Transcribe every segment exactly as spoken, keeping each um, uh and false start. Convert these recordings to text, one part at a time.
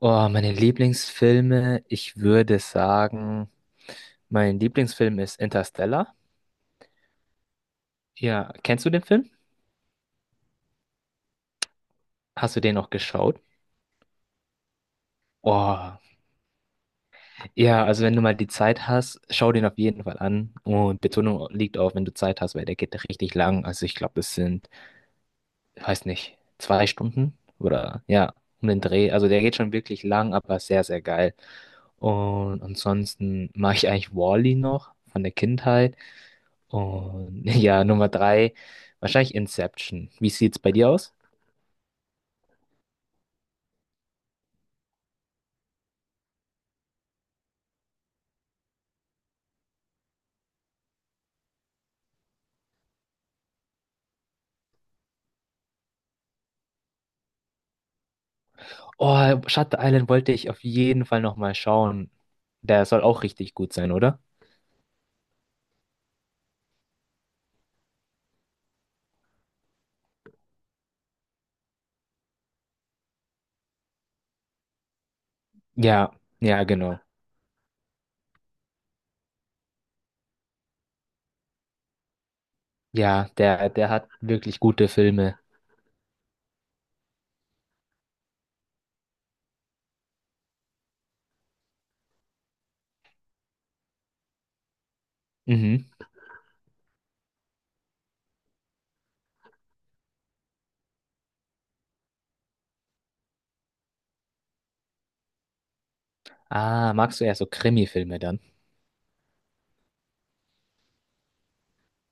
Oh, meine Lieblingsfilme, ich würde sagen, mein Lieblingsfilm ist Interstellar. Ja, kennst du den Film? Hast du den noch geschaut? Oh, ja, also wenn du mal die Zeit hast, schau den auf jeden Fall an. Und Betonung liegt auf, wenn du Zeit hast, weil der geht richtig lang. Also ich glaube, das sind, ich weiß nicht, zwei Stunden oder ja, um den Dreh. Also der geht schon wirklich lang, aber sehr, sehr geil. Und ansonsten mag ich eigentlich Wall-E noch von der Kindheit. Und ja, Nummer drei, wahrscheinlich Inception. Wie sieht's bei dir aus? Oh, Shutter Island wollte ich auf jeden Fall nochmal schauen. Der soll auch richtig gut sein, oder? Ja, ja, genau. Ja, der, der hat wirklich gute Filme. Mhm. Ah, magst du eher so Krimi-Filme dann?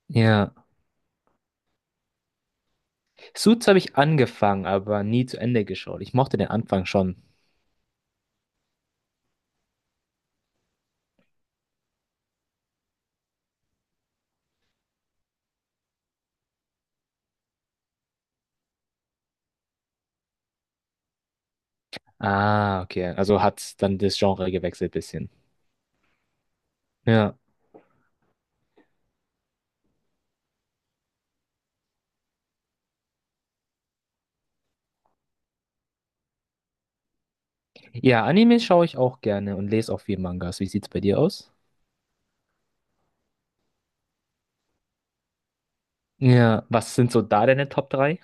Ja. Suits habe ich angefangen, aber nie zu Ende geschaut. Ich mochte den Anfang schon. Ah, okay. Also hat dann das Genre gewechselt bisschen. Ja. Ja, Anime schaue ich auch gerne und lese auch viel Mangas. Wie sieht's bei dir aus? Ja, was sind so da deine Top drei?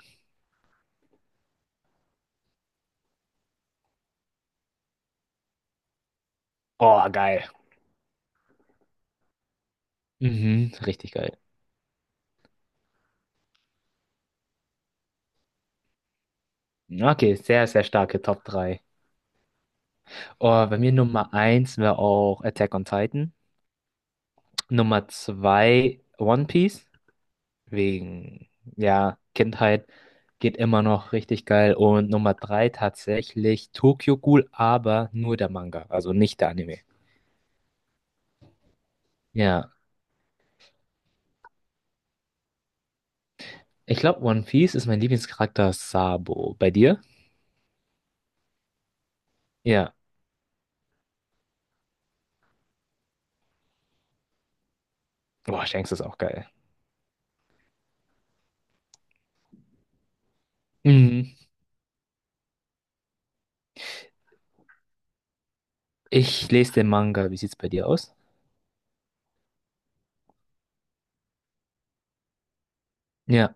Oh, geil. Mhm, richtig geil. Okay, sehr, sehr starke Top drei. Oh, bei mir Nummer eins wäre auch Attack on Titan. Nummer zwei One Piece, wegen, ja, Kindheit geht immer noch richtig geil. Und Nummer drei tatsächlich Tokyo Ghoul, aber nur der Manga, also nicht der Anime. Ja, ich glaube, One Piece ist mein Lieblingscharakter Sabo. Bei dir? Ja. Boah, Shanks ist auch geil. Mhm. Ich lese den Manga. Wie sieht's bei dir aus? Ja,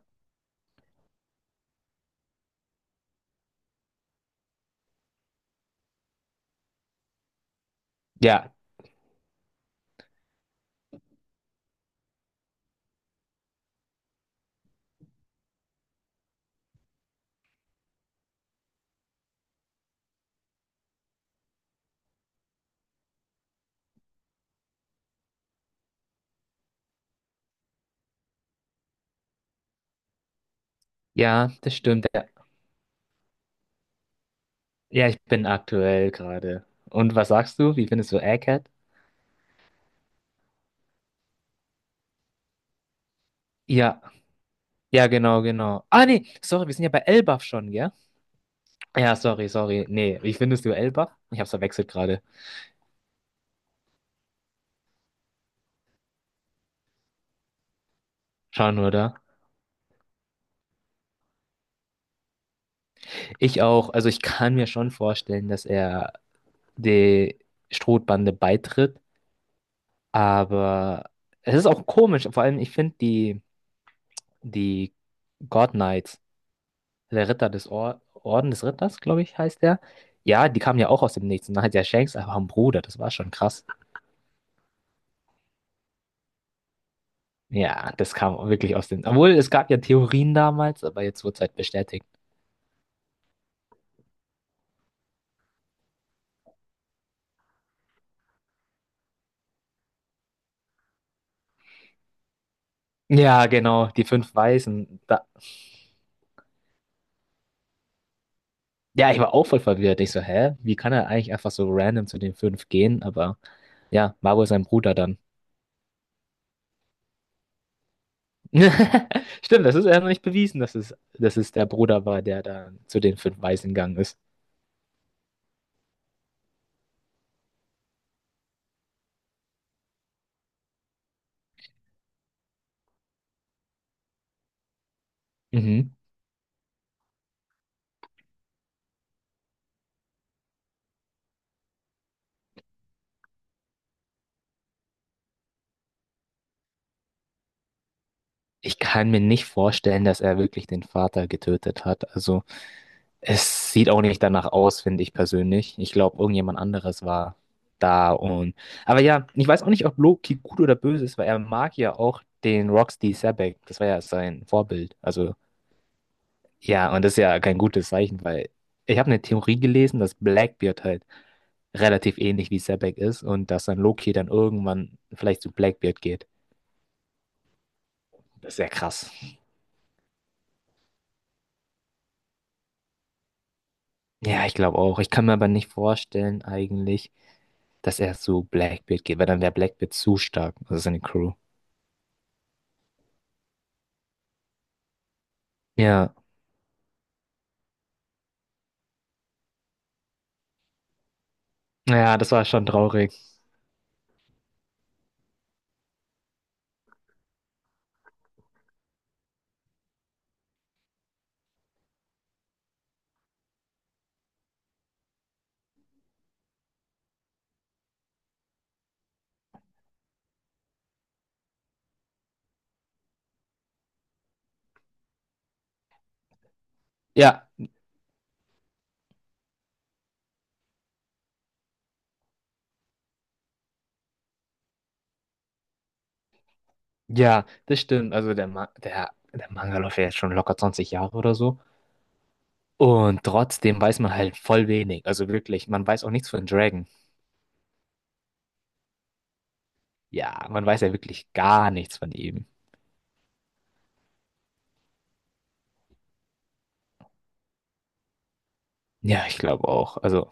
ja, ja, das stimmt. Ja, ja, ich bin aktuell gerade. Und was sagst du? Wie findest du Egghead? Ja, ja, genau, genau. Ah, nee, sorry, wir sind ja bei Elbaf schon, gell? Ja, sorry, sorry. Nee, wie findest du Elbaf? Ich hab's verwechselt gerade. Schau nur da. Ich auch. Also ich kann mir schon vorstellen, dass er die Strohbande beitritt. Aber es ist auch komisch. Vor allem, ich finde die, die God Knights, der Ritter des Or Orden des Ritters, glaube ich, heißt der. Ja, die kamen ja auch aus dem Nichts. Und dann hat ja Shanks einfach einen Bruder. Das war schon krass. Ja, das kam wirklich aus dem. Obwohl, es gab ja Theorien damals, aber jetzt wurde es halt bestätigt. Ja, genau, die fünf Weißen. Da... Ja, ich war auch voll verwirrt. Ich so, hä? Wie kann er eigentlich einfach so random zu den fünf gehen? Aber ja, war wohl sein Bruder dann. Stimmt, das ist ja noch nicht bewiesen, dass es, dass es der Bruder war, der da zu den fünf Weißen gegangen ist. Mhm. Ich kann mir nicht vorstellen, dass er wirklich den Vater getötet hat. Also es sieht auch nicht danach aus, finde ich persönlich. Ich glaube, irgendjemand anderes war da und. Aber ja, ich weiß auch nicht, ob Loki gut oder böse ist, weil er mag ja auch den Roxy Sabek. Das war ja sein Vorbild. Also ja, und das ist ja kein gutes Zeichen, weil ich habe eine Theorie gelesen, dass Blackbeard halt relativ ähnlich wie Sabek ist und dass dann Loki dann irgendwann vielleicht zu Blackbeard geht. Das ist ja krass. Ja, ich glaube auch. Ich kann mir aber nicht vorstellen eigentlich, dass er zu Blackbeard geht, weil dann wäre Blackbeard zu stark, also seine Crew. Ja, ja, das war schon traurig. Ja, ja, das stimmt. Also der, Ma der, der Manga läuft ja jetzt schon locker zwanzig Jahre oder so. Und trotzdem weiß man halt voll wenig. Also wirklich, man weiß auch nichts von Dragon. Ja, man weiß ja wirklich gar nichts von ihm. Ja, ich glaube auch. Also,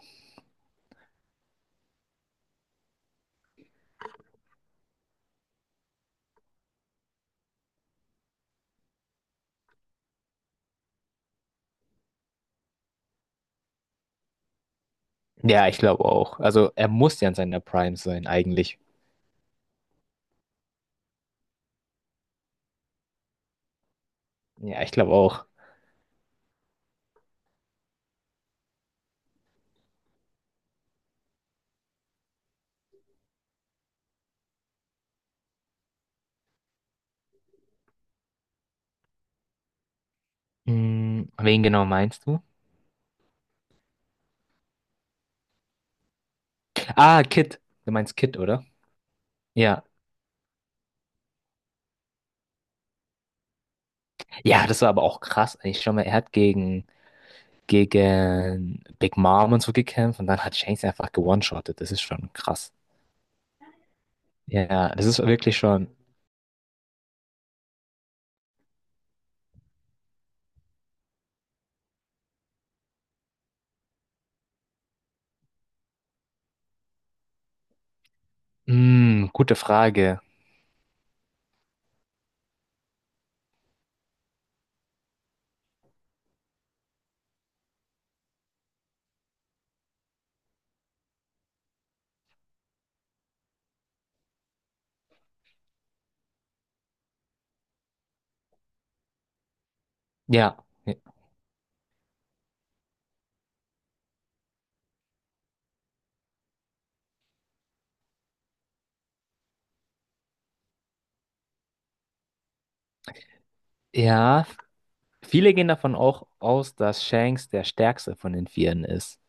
ja, ich glaube auch. Also er muss ja in seiner Prime sein eigentlich. Ja, ich glaube auch. Hm, wen genau meinst du? Ah, Kid. Du meinst Kid, oder? Ja. Ja, das war aber auch krass. Ich schau mal, er hat gegen, gegen Big Mom und so gekämpft und dann hat Shanks einfach gewone-shottet. Das ist schon krass. Ja, das ist wirklich schon. Mm, gute Frage. Ja. Ja. Viele gehen davon auch aus, dass Shanks der stärkste von den Vieren ist.